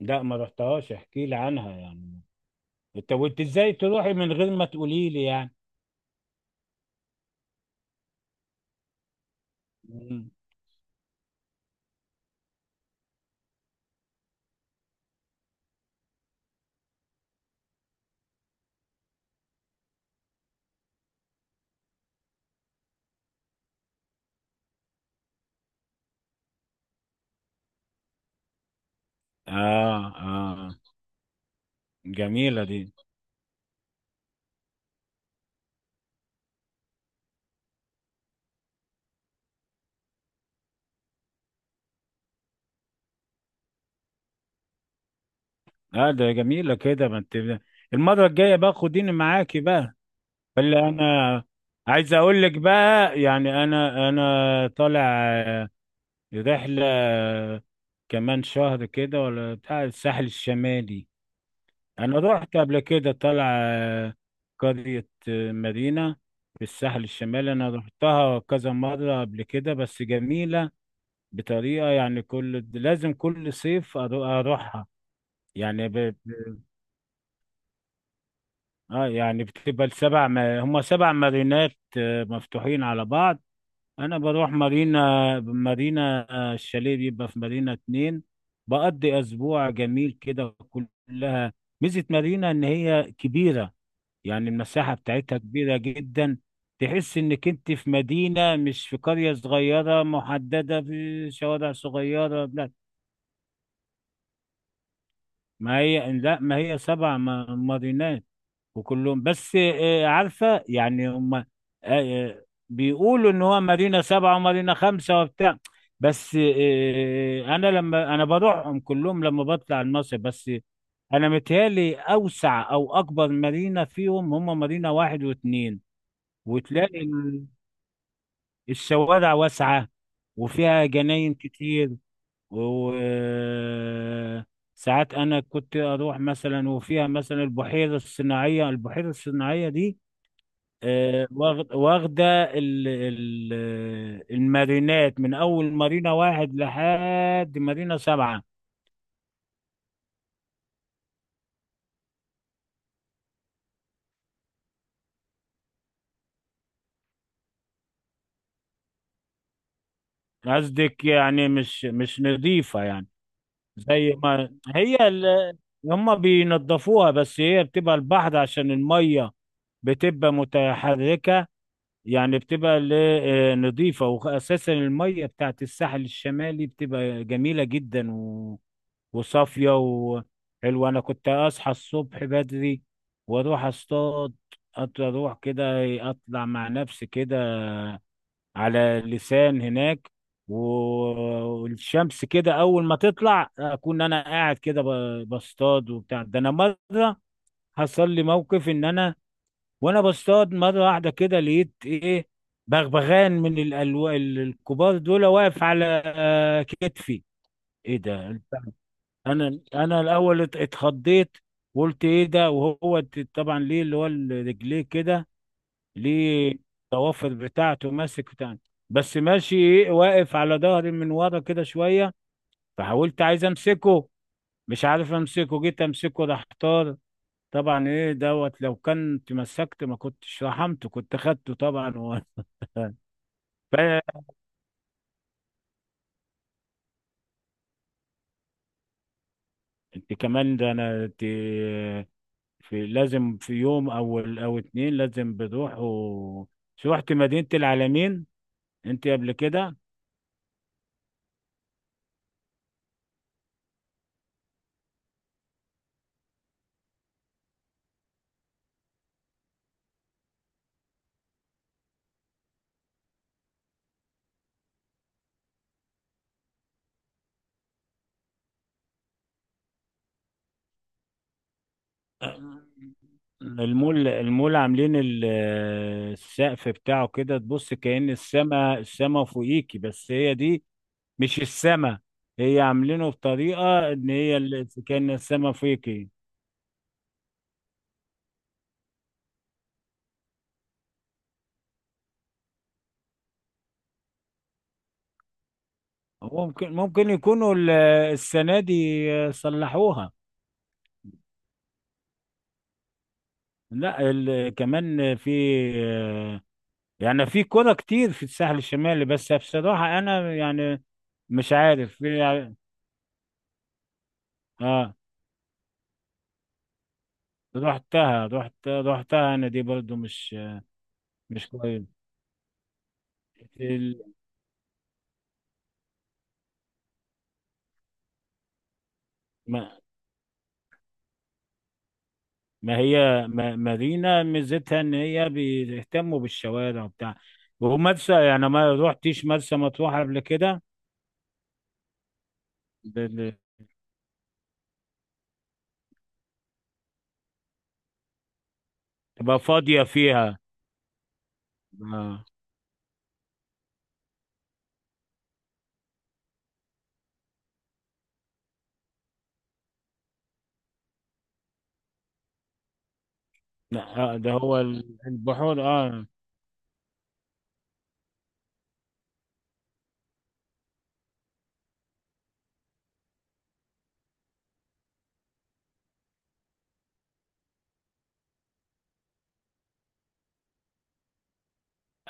لا، ما رحتهاش. احكي لي عنها يعني. انت ازاي تروحي من غير ما تقولي لي يعني؟ مم. اه اه. جميلة دي. اه، ده جميلة كده ما انت. المرة الجاية بقى خديني معاكي بقى. اللي انا عايز اقول لك بقى، يعني انا طالع آه، رحلة كمان شهر كده، ولا بتاع الساحل الشمالي. انا رحت قبل كده. طالع قرية مدينة في الساحل الشمالي. انا رحتها كذا مرة قبل كده بس جميلة بطريقة. يعني لازم كل صيف اروحها. يعني ب- اه يعني بتبقى السبع ما... هما سبع مارينات مفتوحين على بعض. انا بروح مارينا الشاليه بيبقى في مارينا اتنين. بقضي اسبوع جميل كده كلها. ميزة مارينا ان هي كبيرة، يعني المساحة بتاعتها كبيرة جدا. تحس انك انت في مدينة مش في قرية صغيرة محددة في شوارع صغيرة، لا. ما هي لا، ما هي سبع مارينات. وكلهم بس عارفة يعني، هم بيقولوا ان هو مارينا سبعة ومارينا خمسة وبتاع. بس انا لما بروحهم كلهم لما بطلع المصيف بس. انا متهيألي اوسع او اكبر مارينا فيهم هم مارينا واحد واثنين. وتلاقي الشوارع واسعة وفيها جناين كتير. وساعات أنا كنت أروح مثلا، وفيها مثلا البحيرة الصناعية. البحيرة الصناعية دي واخدة المارينات من أول مارينا واحد لحد مارينا سبعة. قصدك يعني مش نظيفة يعني؟ زي ما هي هما بينضفوها. بس هي بتبقى البحر عشان المية بتبقى متحركة. يعني بتبقى نظيفة، وأساسا المية بتاعت الساحل الشمالي بتبقى جميلة جدا وصافية وحلوة. أنا كنت أصحى الصبح بدري وأروح أصطاد. أروح كده، أطلع مع نفسي كده على لسان هناك و- والشمس كده، أول ما تطلع أكون أنا قاعد كده بصطاد وبتاع. ده أنا مرة حصل لي موقف إن أنا وانا بصطاد مره واحده كده لقيت ايه، بغبغان من الكبار دول واقف على كتفي. ايه ده! انا الاول اتخضيت وقلت ايه ده، وهو طبعا ليه اللي هو رجليه كده ليه، الضوافر بتاعته ماسك بتاع. بس ماشي ايه، واقف على ظهري من ورا كده شويه. فحاولت عايز امسكه، مش عارف امسكه، جيت امسكه راح طار. طبعا ايه دوت، لو كان تمسكت ما كنتش رحمته، كنت خدته طبعا فانت كمان، ده انا انت في لازم في يوم او اتنين لازم بتروح شو، رحت مدينة العالمين انت قبل كده؟ المول عاملين السقف بتاعه كده، تبص كأن السما فوقيكي، بس هي دي مش السما. هي عاملينه بطريقة ان هي كأن السما فوقيكي. ممكن يكونوا السنة دي صلحوها. لا كمان في، يعني في كرة كتير في الساحل الشمالي، بس بصراحة أنا يعني مش عارف في. اه. رحتها أنا دي برضو مش كويس ال- ما, ما هي ما مارينا ميزتها إن هي بيهتموا بالشوارع وبتاع. ومرسى يعني، ما رحتيش مرسى مطروح قبل كده؟ ب- ب- تبقى فاضية فيها. آه. لا، ده هو البحور اه.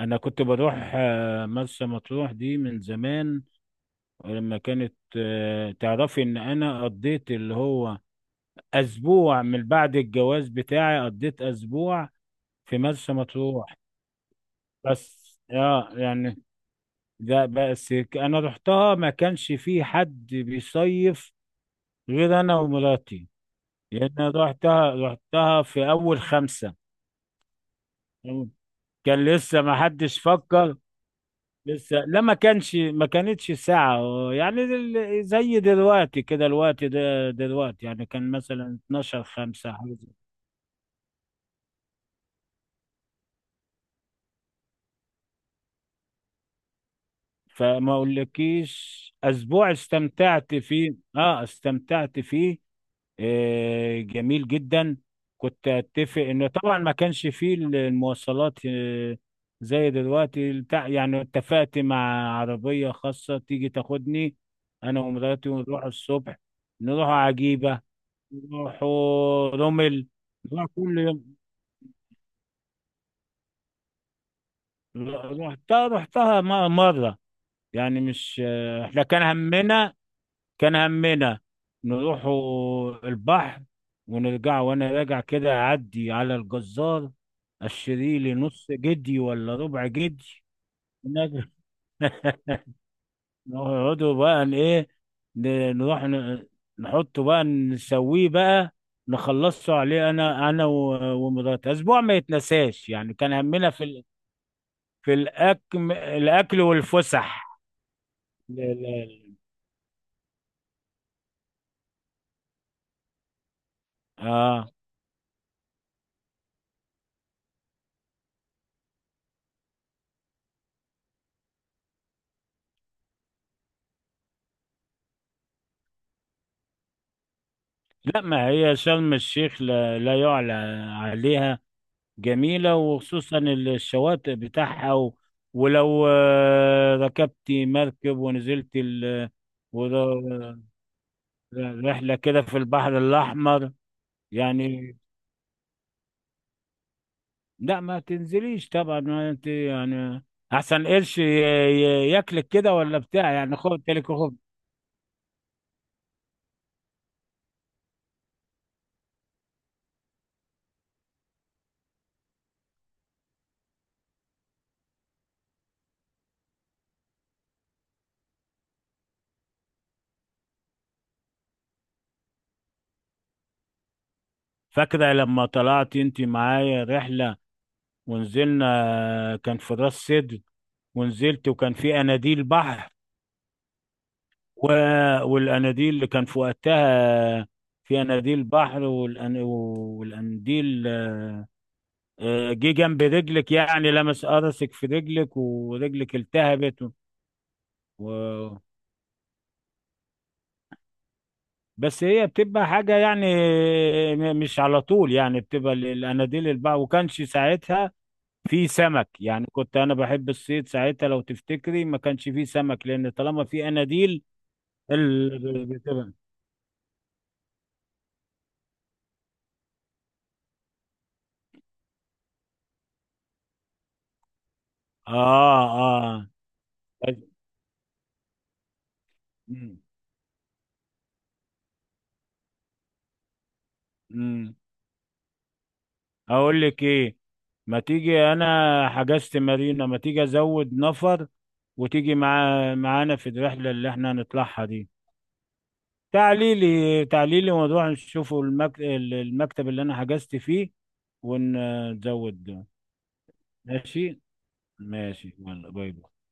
انا كنت بروح مرسى مطروح دي من زمان. ولما كانت تعرفي ان انا قضيت اللي هو اسبوع، من بعد الجواز بتاعي قضيت اسبوع في مرسى مطروح. بس اه يعني، ده بس انا رحتها ما كانش في حد بيصيف غير انا ومراتي. لان أنا رحتها في اول خمسة. كان لسه ما حدش فكر. لسه لا، ما كانش، ما كانتش ساعة. يعني زي دلوقتي كده، الوقت ده دلوقتي يعني كان مثلا 12 خمسة حاجة فما اقولكيش، اسبوع استمتعت فيه، اه استمتعت فيه. آه جميل جدا. كنت اتفق انه طبعا ما كانش فيه المواصلات آه، زي دلوقتي بتاع. يعني اتفقت مع عربية خاصة تيجي تاخدني، انا ومراتي، ونروح الصبح. نروح عجيبة، راحوا رمل، راح كل يوم. رحتها مرة يعني، مش احنا كان همنا نروحوا البحر، ونرجع وانا راجع كده اعدي على الجزار اشتري لي نص جدي ولا ربع جدي، ونرجع. نقعدوا بقى ايه نروح نحطه بقى نسويه بقى نخلصه عليه، انا ومراتي. اسبوع ما يتنساش يعني، كان همنا في في الأكل والفسح. ل- ل- آه لا ما هي شرم الشيخ لا, لا يعلى عليها. جميلة وخصوصا الشواطئ بتاعها ولو ركبت مركب ونزلت ور- رحلة كده في البحر الأحمر. يعني لا ما تنزليش طبعا، ما انت يعني أحسن قرش ياكلك كده ولا بتاع يعني، خد تلك خد. فاكرة لما طلعت انت معايا رحلة، ونزلنا كان في راس سدر، ونزلت وكان في اناديل بحر و... والاناديل اللي كان في وقتها في اناديل بحر والانديل جه جنب رجلك يعني لمس قرصك في رجلك ورجلك التهبت و... بس هي بتبقى حاجة يعني، مش على طول. يعني بتبقى الاناديل البحر، وكانش ساعتها في سمك. يعني كنت انا بحب الصيد ساعتها، لو تفتكري ما كانش فيه سمك لان طالما في اناديل اللي بتبقى. اه اه. طيب. مم. مم. اقول لك ايه؟ ما تيجي، انا حجزت مارينا، ما تيجي ازود نفر وتيجي معانا في الرحله اللي احنا هنطلعها دي. تعليلي تعليلي، ونروح نشوفوا المكتب اللي انا حجزت فيه ونزود ده. ماشي. ماشي، يلا، باي باي.